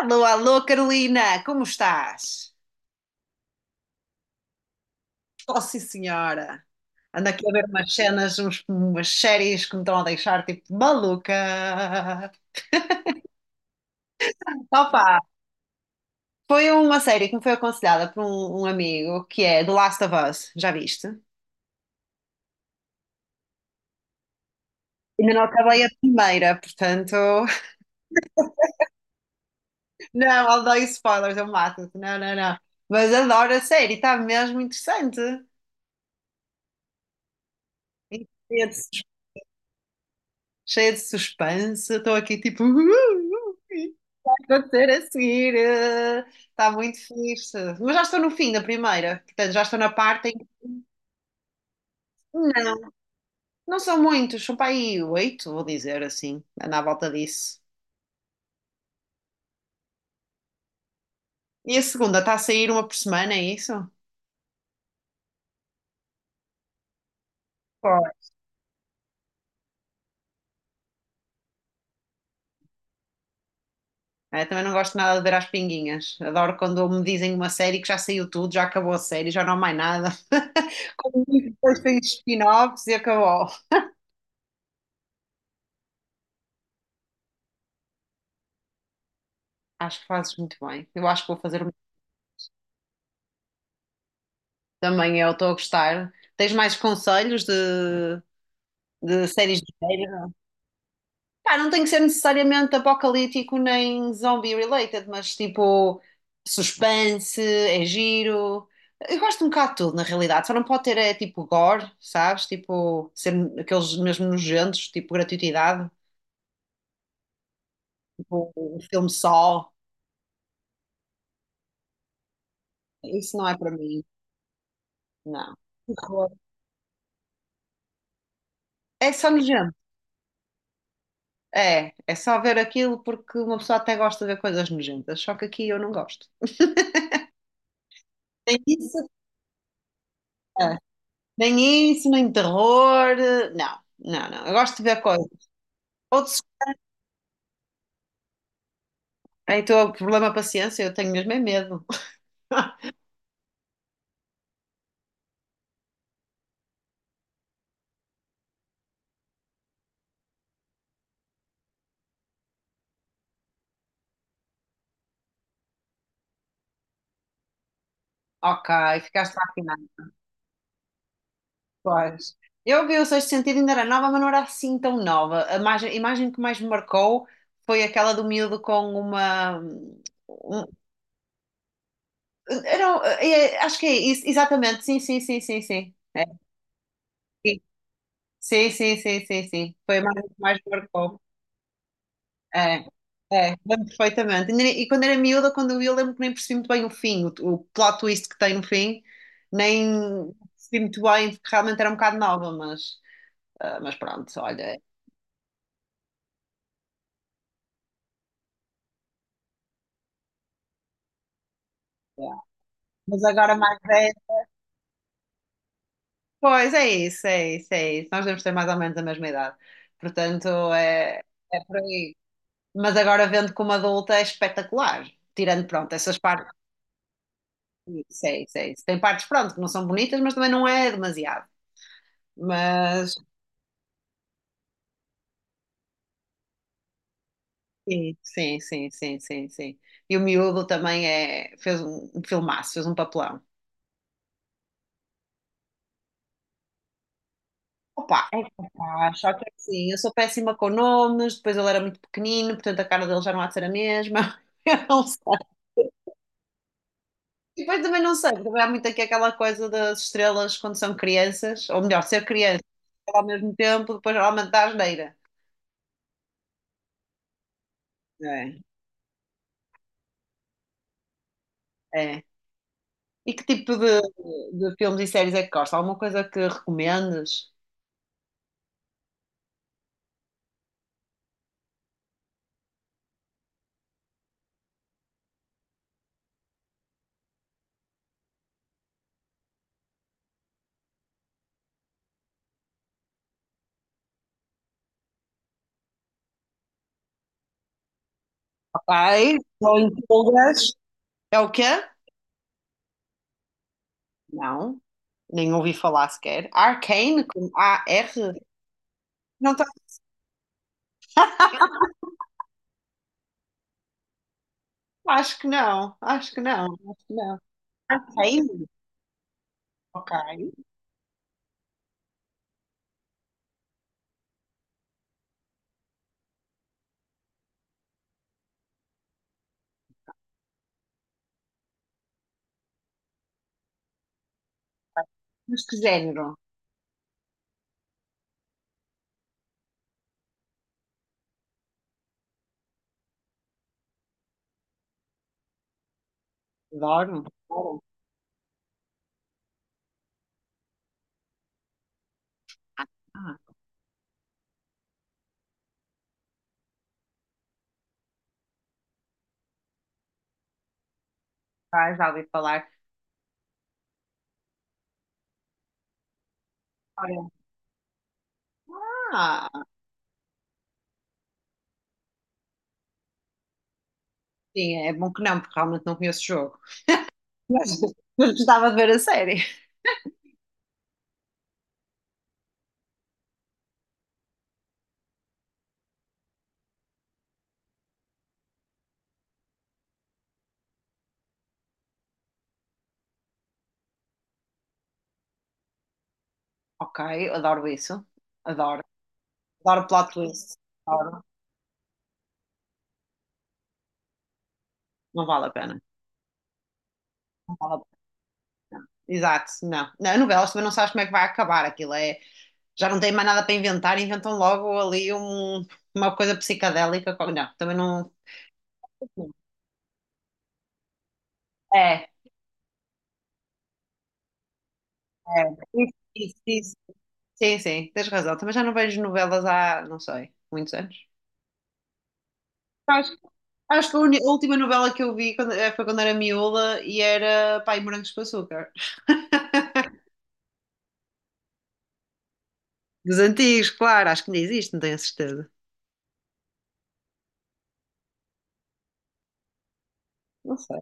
Alô, alô, Carolina, como estás? Oh, sim, senhora. Ando aqui a ver umas cenas, umas séries que me estão a deixar tipo maluca. Opa, foi uma série que me foi aconselhada por um amigo que é The Last of Us, já viste? Ainda não acabei a primeira, portanto. Não, eu dou spoilers, eu mato-te. Não, não, não. Mas adoro a série, está mesmo interessante. E cheia de suspense, estou aqui tipo. Vou ter a seguir. Está muito fixe. Mas já estou no fim da primeira. Portanto, já estou na parte em que. Não, não são muitos. São para aí 8, vou dizer assim. Anda à volta disso. E a segunda está a sair uma por semana, é isso? Claro. É, também não gosto nada de ver as pinguinhas. Adoro quando me dizem uma série que já saiu tudo, já acabou a série, já não há mais nada. Como digo, depois tem spin-offs e acabou. Acho que fazes muito bem. Eu acho que vou fazer o mesmo também. Eu estou a gostar. Tens mais conselhos de séries de séries? Pá, não tem que ser necessariamente apocalíptico nem zombie related, mas tipo suspense, é giro. Eu gosto um bocado de tudo, na realidade. Só não pode ter é tipo gore, sabes? Tipo, ser aqueles mesmo nojentos, tipo gratuitidade, tipo um filme só. Isso não é para mim, não. Terror. É só nojento. É, é só ver aquilo porque uma pessoa até gosta de ver coisas nojentas, só que aqui eu não gosto. Nem isso, é. Nem isso, nem terror, não, não, não. Eu gosto de ver coisas. Ou des... Então, problema paciência, eu tenho mesmo é medo. Ok, ficaste lá afinado. Pois. Eu vi o Sexto Sentido, ainda era nova, mas não era assim tão nova. A imagem que mais me marcou foi aquela do miúdo com um- Acho que é isso, exatamente. Sim, sim, sim, sim, sim. É, sim, sim, sim, sim, sim, sim. Foi a imagem que mais me marcou. É, é, lembro perfeitamente. E nem- e quando era miúda, quando eu vi, lembro que nem percebi muito bem o fim, o plot twist que tem no fim, nem percebi muito bem, porque realmente era um bocado nova, mas, ah, mas pronto, olha. É. Mas agora mais velha. Pois é isso, é isso, é isso. Nós devemos ter mais ou menos a mesma idade. Portanto, é, é por aí. Mas agora vendo como adulta é espetacular. Tirando, pronto, essas partes. Isso, é isso, é isso. Tem partes, pronto, que não são bonitas, mas também não é demasiado. Mas. Sim, sim, sim, sim, sim, sim. E o miúdo também é, fez um filmaço, fez um papelão. Opa, é capaz, só que assim, eu sou péssima com nomes, depois ele era muito pequenino, portanto a cara dele já não há de ser a mesma. Eu não sei. E depois também não sei, também há muito aqui aquela coisa das estrelas quando são crianças, ou melhor, ser criança ao mesmo tempo, depois geralmente dá asneira. É, é. E que tipo de filmes e séries é que gosta? Alguma coisa que recomendes? Ok, só em todas. É o quê? Não, nem ouvi falar sequer. Arcane, com A-R? Não tá, Acho que não, acho que não, acho que não. Arcane, ok. Mas que género? Adoro, adoro. Ah, tá, já ouvi falar. Olha, ah, sim, é bom que não, porque realmente não conheço o jogo. Mas mas gostava de ver a série. Ok, adoro isso. Adoro. Adoro plot twist. Adoro. Não vale a pena. Não vale a pena. Exato, não. Na novela, também não sabes como é que vai acabar aquilo. É, já não têm mais nada para inventar, inventam logo uma coisa psicadélica. Não, também não. É, é. Isso, isso, isso. Sim, sim, tens razão. Também já não vejo novelas há, não sei, muitos anos. Acho, Acho que a última novela que eu vi foi quando era miúda e era Pai Morangos com Açúcar. Dos antigos, claro, acho que ainda existe, não tenho a certeza. Não sei.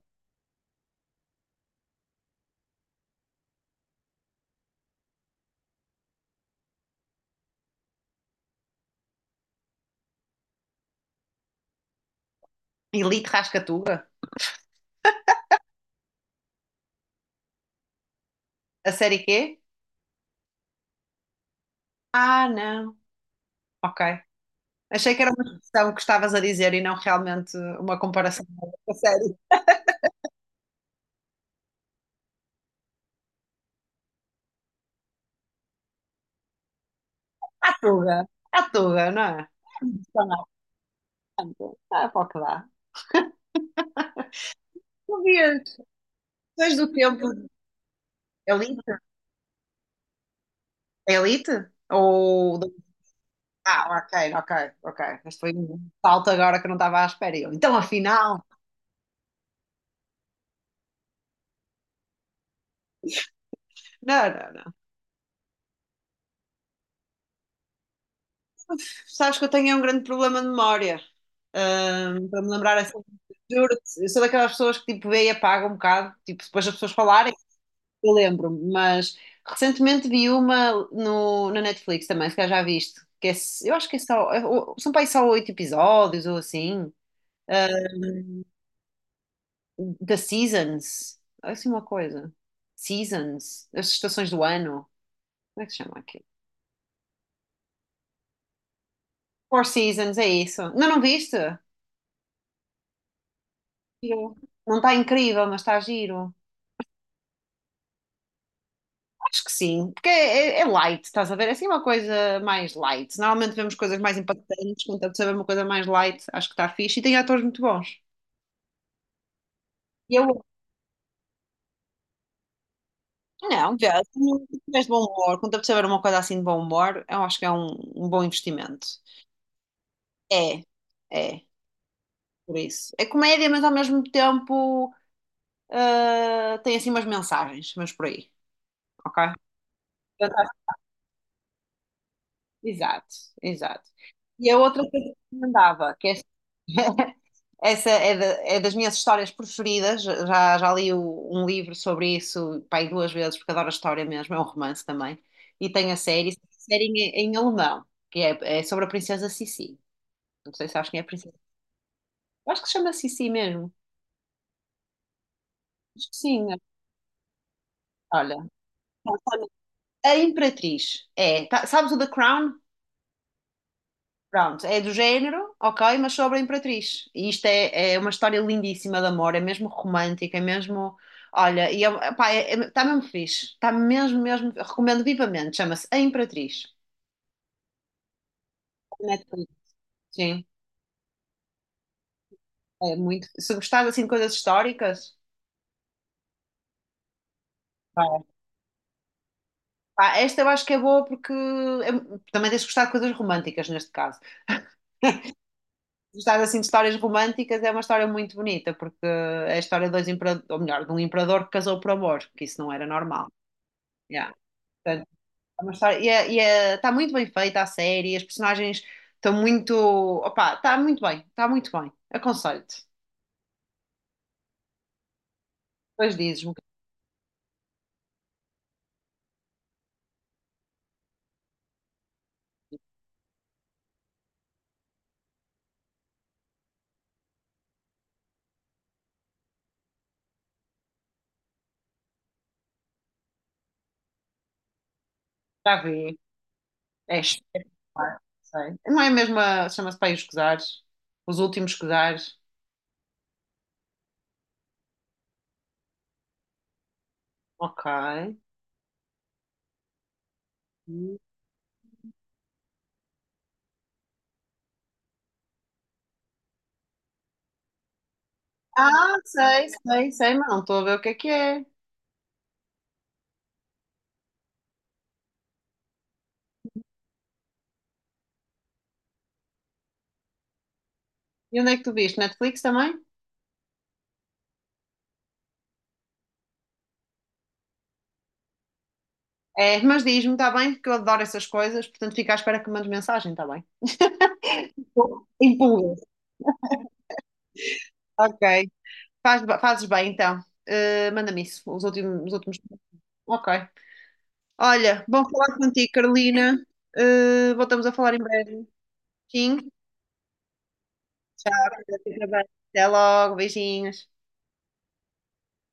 Elite Rascatuga? A série quê? Ah, não. Ok. Achei que era uma expressão que estavas a dizer e não realmente uma comparação com a série. À tuga, à tuga, não é? Está na tuga. Ah, pá, que dá. Não vias. Depois do tempo de Elite? Elite? Ou. do- Ah, ok, ok, ok. Mas foi um salto agora que eu não estava à espera. E eu, então, afinal. Não, não, não. Sabes que eu tenho um grande problema de memória. Para me lembrar assim. Juro-te, eu sou daquelas pessoas que tipo vê e apaga um bocado, tipo, depois as pessoas falarem. Eu lembro-me, mas recentemente vi uma na Netflix também, se calhar já viste, eu acho que é são para aí só oito episódios ou assim, da Seasons, é assim uma coisa, Seasons, as estações do ano, como é que se chama aqui? Four Seasons, é isso. Não, não viste? Giro. Não está incrível, mas está giro. Acho que sim, porque é light, estás a ver? É assim uma coisa mais light. Normalmente vemos coisas mais impactantes, contanto saber uma coisa mais light, acho que está fixe e tem atores muito bons. E eu não, vê, se não tiveres de bom humor, quando a pessoa tiver uma coisa assim de bom humor, eu acho que é um, um bom investimento. É, é, por isso. É comédia, mas ao mesmo tempo tem assim umas mensagens, mas por aí, ok? Portanto, acho- exato, exato. E a outra coisa que eu recomendava, que é essa é, é das minhas histórias preferidas. Já li um livro sobre isso, pai, duas vezes, porque adoro a história mesmo. É um romance também. E tem a série, série em alemão, é sobre a princesa Sissi. Não sei se sabes quem é a princesa. Eu acho que se chama Sissi mesmo. Acho que sim. Olha, a Imperatriz. É, tá- sabes o The Crown? Pronto, é do género, ok, mas sobre a Imperatriz. E isto é uma história lindíssima de amor, é mesmo romântica, é mesmo. Olha, e é, pá, tá mesmo fixe, está mesmo, mesmo. Recomendo vivamente, chama-se A Imperatriz. Netflix. Sim, é muito. Se gostares assim de coisas históricas, vai. Pá, esta eu acho que é boa também tens de gostar de coisas românticas neste caso. Se gostares assim de histórias românticas, é uma história muito bonita, porque é a história de dois imperadores, ou melhor, de um imperador que casou por amor, que isso não era normal. Yeah. É uma história- está muito bem feita a série, as personagens estão muito. Opa, está muito bem, está muito bem. Aconselho-te. Depois dizes-me que já vi. É espetacular, sei. Não é mesmo a. Chama-se Pai os Cosares? Os Últimos Cosares? Ok. Ah, sei, sei, sei, mas não estou a ver o que é que é. E onde é que tu viste? Netflix também? É, mas diz-me, está bem, porque eu adoro essas coisas, portanto fica à espera que me mandes mensagem, está bem? Empurras. Ok, fazes bem, então. Eh, manda-me isso, os últimos, os últimos. Ok. Olha, bom falar contigo, Carolina. Eh, voltamos a falar em breve. Sim. Fica bem. Até logo, beijinhos.